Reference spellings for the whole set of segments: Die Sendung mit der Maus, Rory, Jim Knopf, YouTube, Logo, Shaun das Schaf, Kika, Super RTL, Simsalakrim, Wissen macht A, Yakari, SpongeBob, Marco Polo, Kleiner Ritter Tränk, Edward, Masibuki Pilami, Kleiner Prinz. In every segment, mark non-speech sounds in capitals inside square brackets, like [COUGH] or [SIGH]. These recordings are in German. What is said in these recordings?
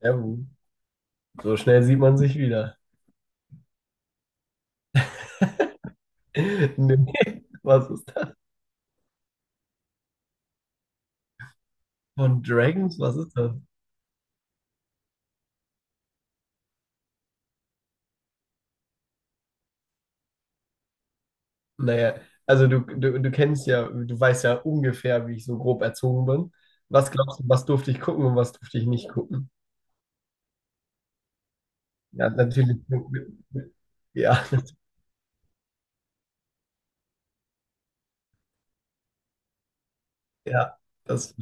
Ja, gut. So schnell sieht man sich wieder. [LAUGHS] Nee, was ist das? Von Dragons? Was ist das? Naja, also du kennst ja, du weißt ja ungefähr, wie ich so grob erzogen bin. Was glaubst du, was durfte ich gucken und was durfte ich nicht gucken? Ja, natürlich. Ja, [LAUGHS] ja, das.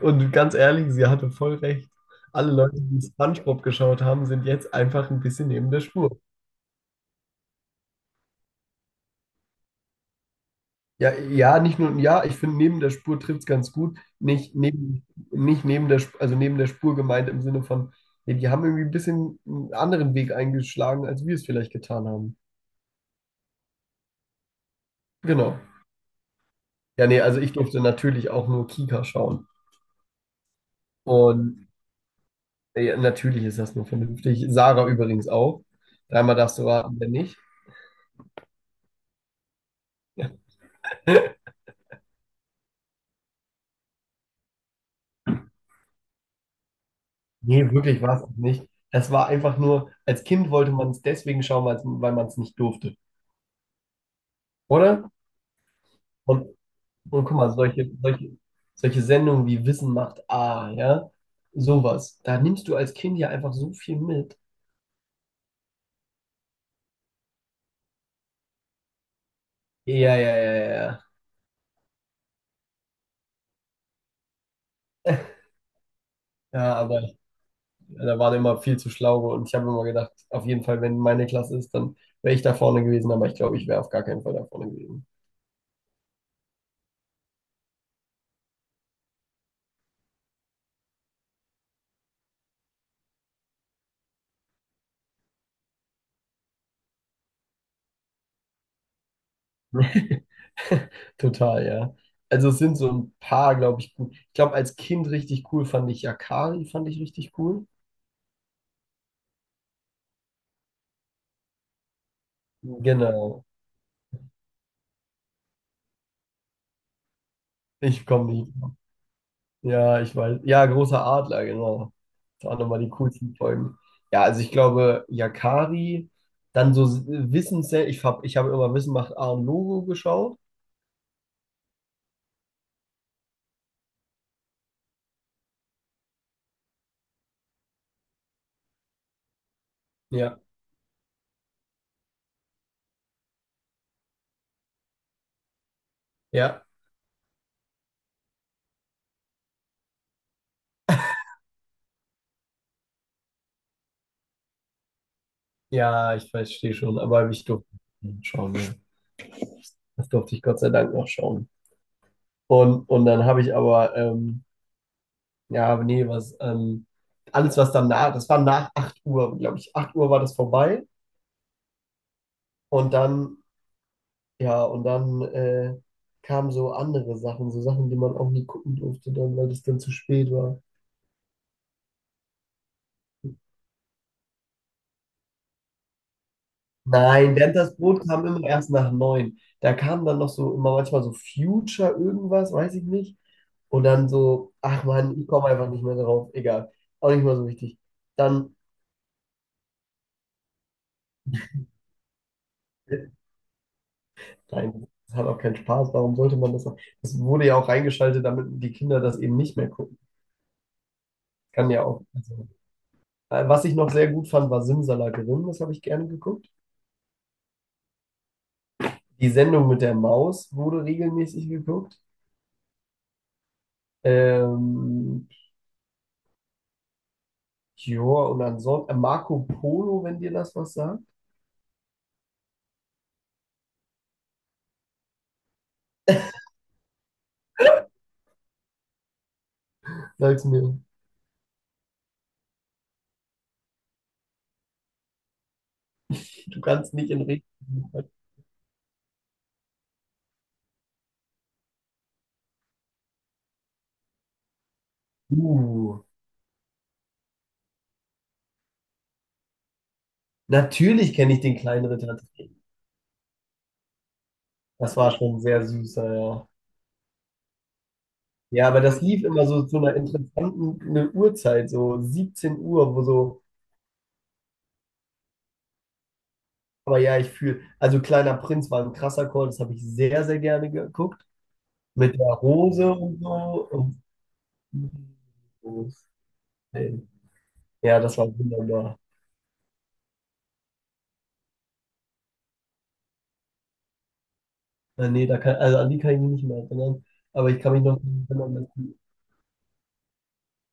Und ganz ehrlich, sie hatte voll recht. Alle Leute, die SpongeBob geschaut haben, sind jetzt einfach ein bisschen neben der Spur. Ja, ja, nicht nur, ja, ich finde, neben der Spur trifft es ganz gut. Nicht neben, nicht neben der, also neben der Spur gemeint im Sinne von, ja, die haben irgendwie ein bisschen einen anderen Weg eingeschlagen, als wir es vielleicht getan haben. Genau. Ja, nee, also ich durfte natürlich auch nur Kika schauen. Und ja, natürlich ist das nur vernünftig. Sarah übrigens auch. Dreimal darfst du raten, wer nicht. [LAUGHS] Nee, wirklich war es auch nicht. Es war einfach nur, als Kind wollte man es deswegen schauen, weil man es nicht durfte. Oder? Und Und guck mal, solche Sendungen wie Wissen macht A, ja, sowas. Da nimmst du als Kind ja einfach so viel mit. Ja, ja, ja, ja. Ja, ja, aber da waren immer viel zu schlaue, und ich habe immer gedacht, auf jeden Fall, wenn meine Klasse ist, dann wäre ich da vorne gewesen, aber ich glaube, ich wäre auf gar keinen Fall da vorne gewesen. [LAUGHS] [LAUGHS] Total, ja. Also es sind so ein paar, glaube ich, gut. Ich glaube, als Kind richtig cool fand ich Yakari, fand ich richtig cool. Genau. Ich komme nicht drauf. Ja, ich weiß. Ja, großer Adler, genau. Das waren nochmal die coolsten Folgen. Ja, also ich glaube, Yakari, dann so Wissenssendung. Ich hab immer Wissen macht A und Logo geschaut. Ja, ja, ja, ich verstehe schon, aber ich durfte nicht schauen. Ja. Das durfte ich Gott sei Dank noch schauen. Und dann habe ich aber ja, aber nee, was, alles, was dann nach, das war nach 8 Uhr, glaube ich. 8 Uhr war das vorbei. Und dann, ja, und dann kamen so andere Sachen, so Sachen, die man auch nie gucken durfte, dann, weil es dann zu spät war. Nein, während das Brot kam immer erst nach neun. Da kam dann noch so immer manchmal so Future irgendwas, weiß ich nicht. Und dann so, ach man, ich komme einfach nicht mehr drauf, egal. Auch nicht mal so wichtig. Dann. Nein, das hat auch keinen Spaß. Warum sollte man das auch? Das wurde ja auch reingeschaltet, damit die Kinder das eben nicht mehr gucken. Kann ja auch. Also, was ich noch sehr gut fand, war Simsalakrim. Das habe ich gerne geguckt. Die Sendung mit der Maus wurde regelmäßig geguckt. Ähm, ja, und ansonsten Marco Polo, wenn dir das was sagt. Sag's mir. Du kannst nicht in Regen. Uh, natürlich kenne ich den kleinen Ritter. Das war schon sehr süßer, ja, ja. Ja, aber das lief immer so zu einer interessanten, ne, Uhrzeit, so 17 Uhr, wo so, aber ja, ich fühle, also Kleiner Prinz war ein krasser Call, das habe ich sehr, sehr gerne geguckt, mit der Rose und so. Und, ja, das war wunderbar. Nee, also an die kann ich mich nicht mehr erinnern, aber ich kann mich noch erinnern, dass die,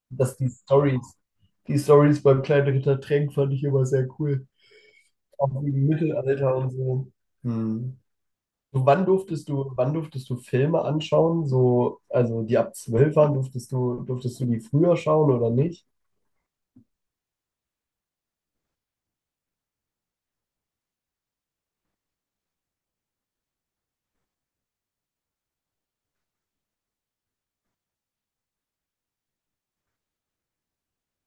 dass die Stories, die Stories beim kleinen Ritter Tränk fand ich immer sehr cool. Auch im Mittelalter und so. Hm. Du, wann durftest du Filme anschauen? So, also die ab 12 waren, durftest du die früher schauen oder nicht?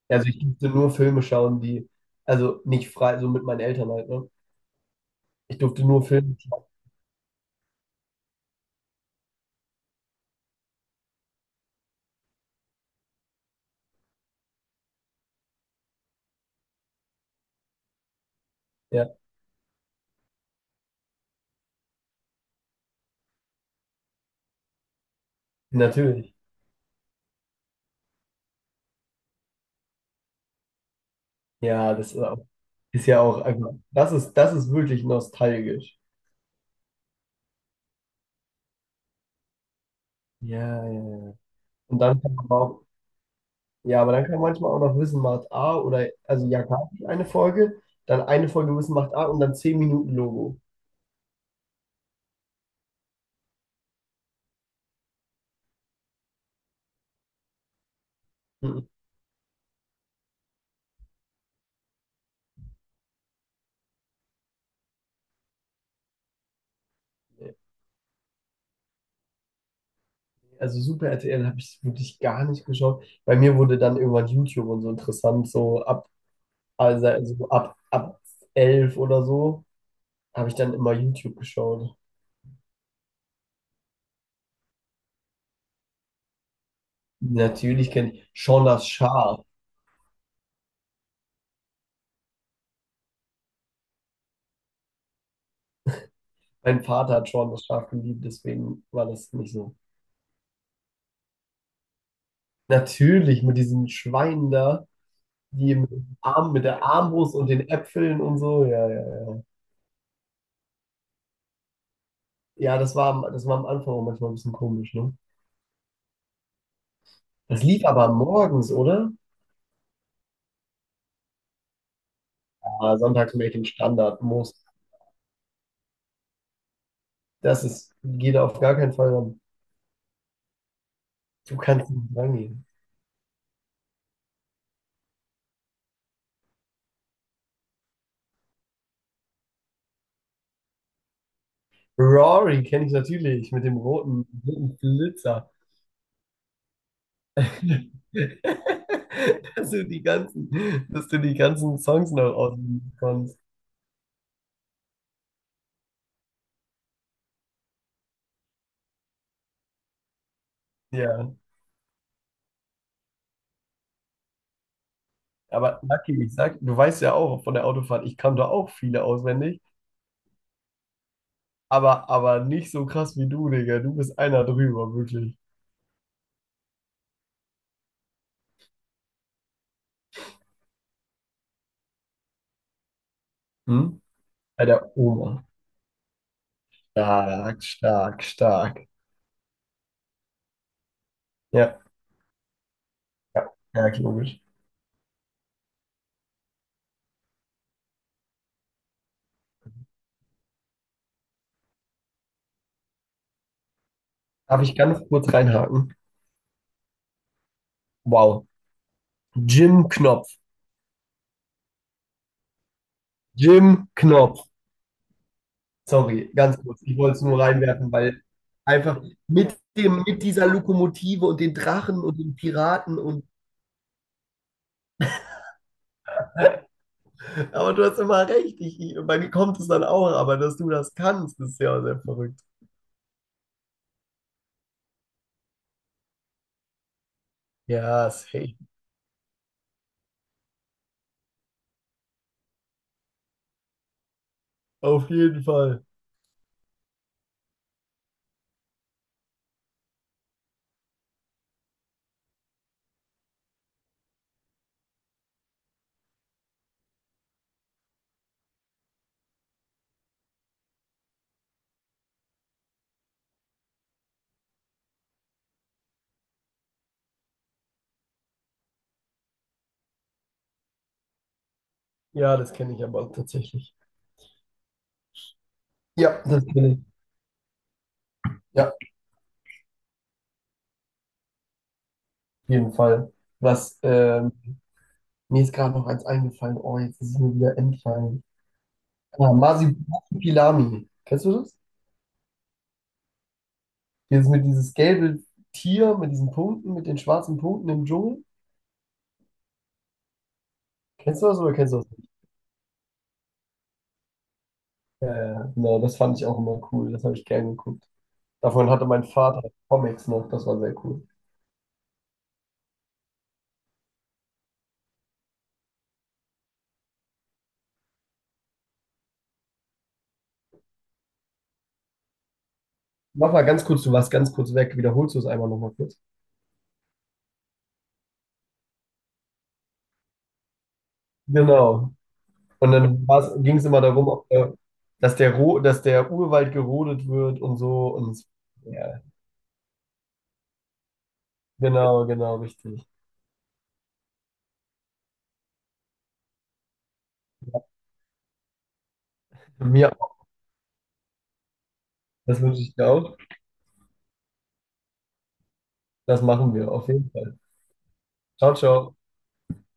Also ich durfte nur Filme schauen, die, also nicht frei, so mit meinen Eltern halt, ne? Ich durfte nur Filme schauen. Ja, natürlich. Ja, das ist auch, ist ja auch, das ist wirklich nostalgisch. Ja, ja, ja. Und dann kam aber auch, ja, aber dann kam manchmal auch noch Wissen macht A oder, also ja Yakari eine Folge, dann eine Folge Wissen macht A und dann 10 Minuten Logo. Mhm. Also Super RTL habe ich wirklich gar nicht geschaut. Bei mir wurde dann irgendwann YouTube und so interessant, so ab, also ab, ab 11 oder so, habe ich dann immer YouTube geschaut. Natürlich kennt ich Shaun das Schaf. Mein Vater hat Shaun das Schaf geliebt, deswegen war das nicht so. Natürlich mit diesen Schweinen da. Die mit, dem Arm, mit der Armbrust und den Äpfeln und so, ja, ja, ja. Ja, das war am Anfang auch manchmal ein bisschen komisch, ne? Das lief aber morgens, oder? Ja, sonntags Mädchen Standard muss. Das ist, geht auf gar keinen Fall ran. Du kannst nicht rangehen. Rory kenne ich natürlich mit dem roten, roten Flitzer. [LAUGHS] Dass du die ganzen, dass du die ganzen Songs noch auswendig kannst. Ja, aber Lucky, ich sag, du weißt ja auch von der Autofahrt, ich kann da auch viele auswendig. Aber nicht so krass wie du, Digga. Du bist einer drüber, wirklich. Hm? Bei der Oma. Stark, stark, stark. Ja, ja, ja, logisch. Darf ich ganz kurz reinhaken? Wow. Jim Knopf. Jim Knopf. Sorry, ganz kurz. Ich wollte es nur reinwerfen, weil einfach mit dem, mit dieser Lokomotive und den Drachen und den Piraten und. [LAUGHS] Aber du hast immer recht. Bei mir kommt es dann auch, aber dass du das kannst, ist ja sehr verrückt. Ja, safe. Auf jeden Fall. Ja, das kenne ich aber tatsächlich. Ja, das kenne ich. Ja, auf jeden Fall. Was, mir ist gerade noch eins eingefallen. Oh, jetzt ist es mir wieder entfallen. Ah, Masibuki Pilami. Kennst du das? Dieses mit dieses gelbe Tier mit diesen Punkten, mit den schwarzen Punkten im Dschungel. Kennst du das oder kennst du das nicht? Ja, ja, genau, das fand ich auch immer cool. Das habe ich gern geguckt. Davon hatte mein Vater Comics noch. Das war sehr cool. Mach mal ganz kurz, du warst ganz kurz weg. Wiederholst du es einmal nochmal kurz? Genau. Und dann ging es immer darum, dass der Urwald gerodet wird und so. Und ja, genau, genau, richtig. Mir auch. Das wünsche ich dir auch. Das machen wir auf jeden Fall. Ciao, ciao.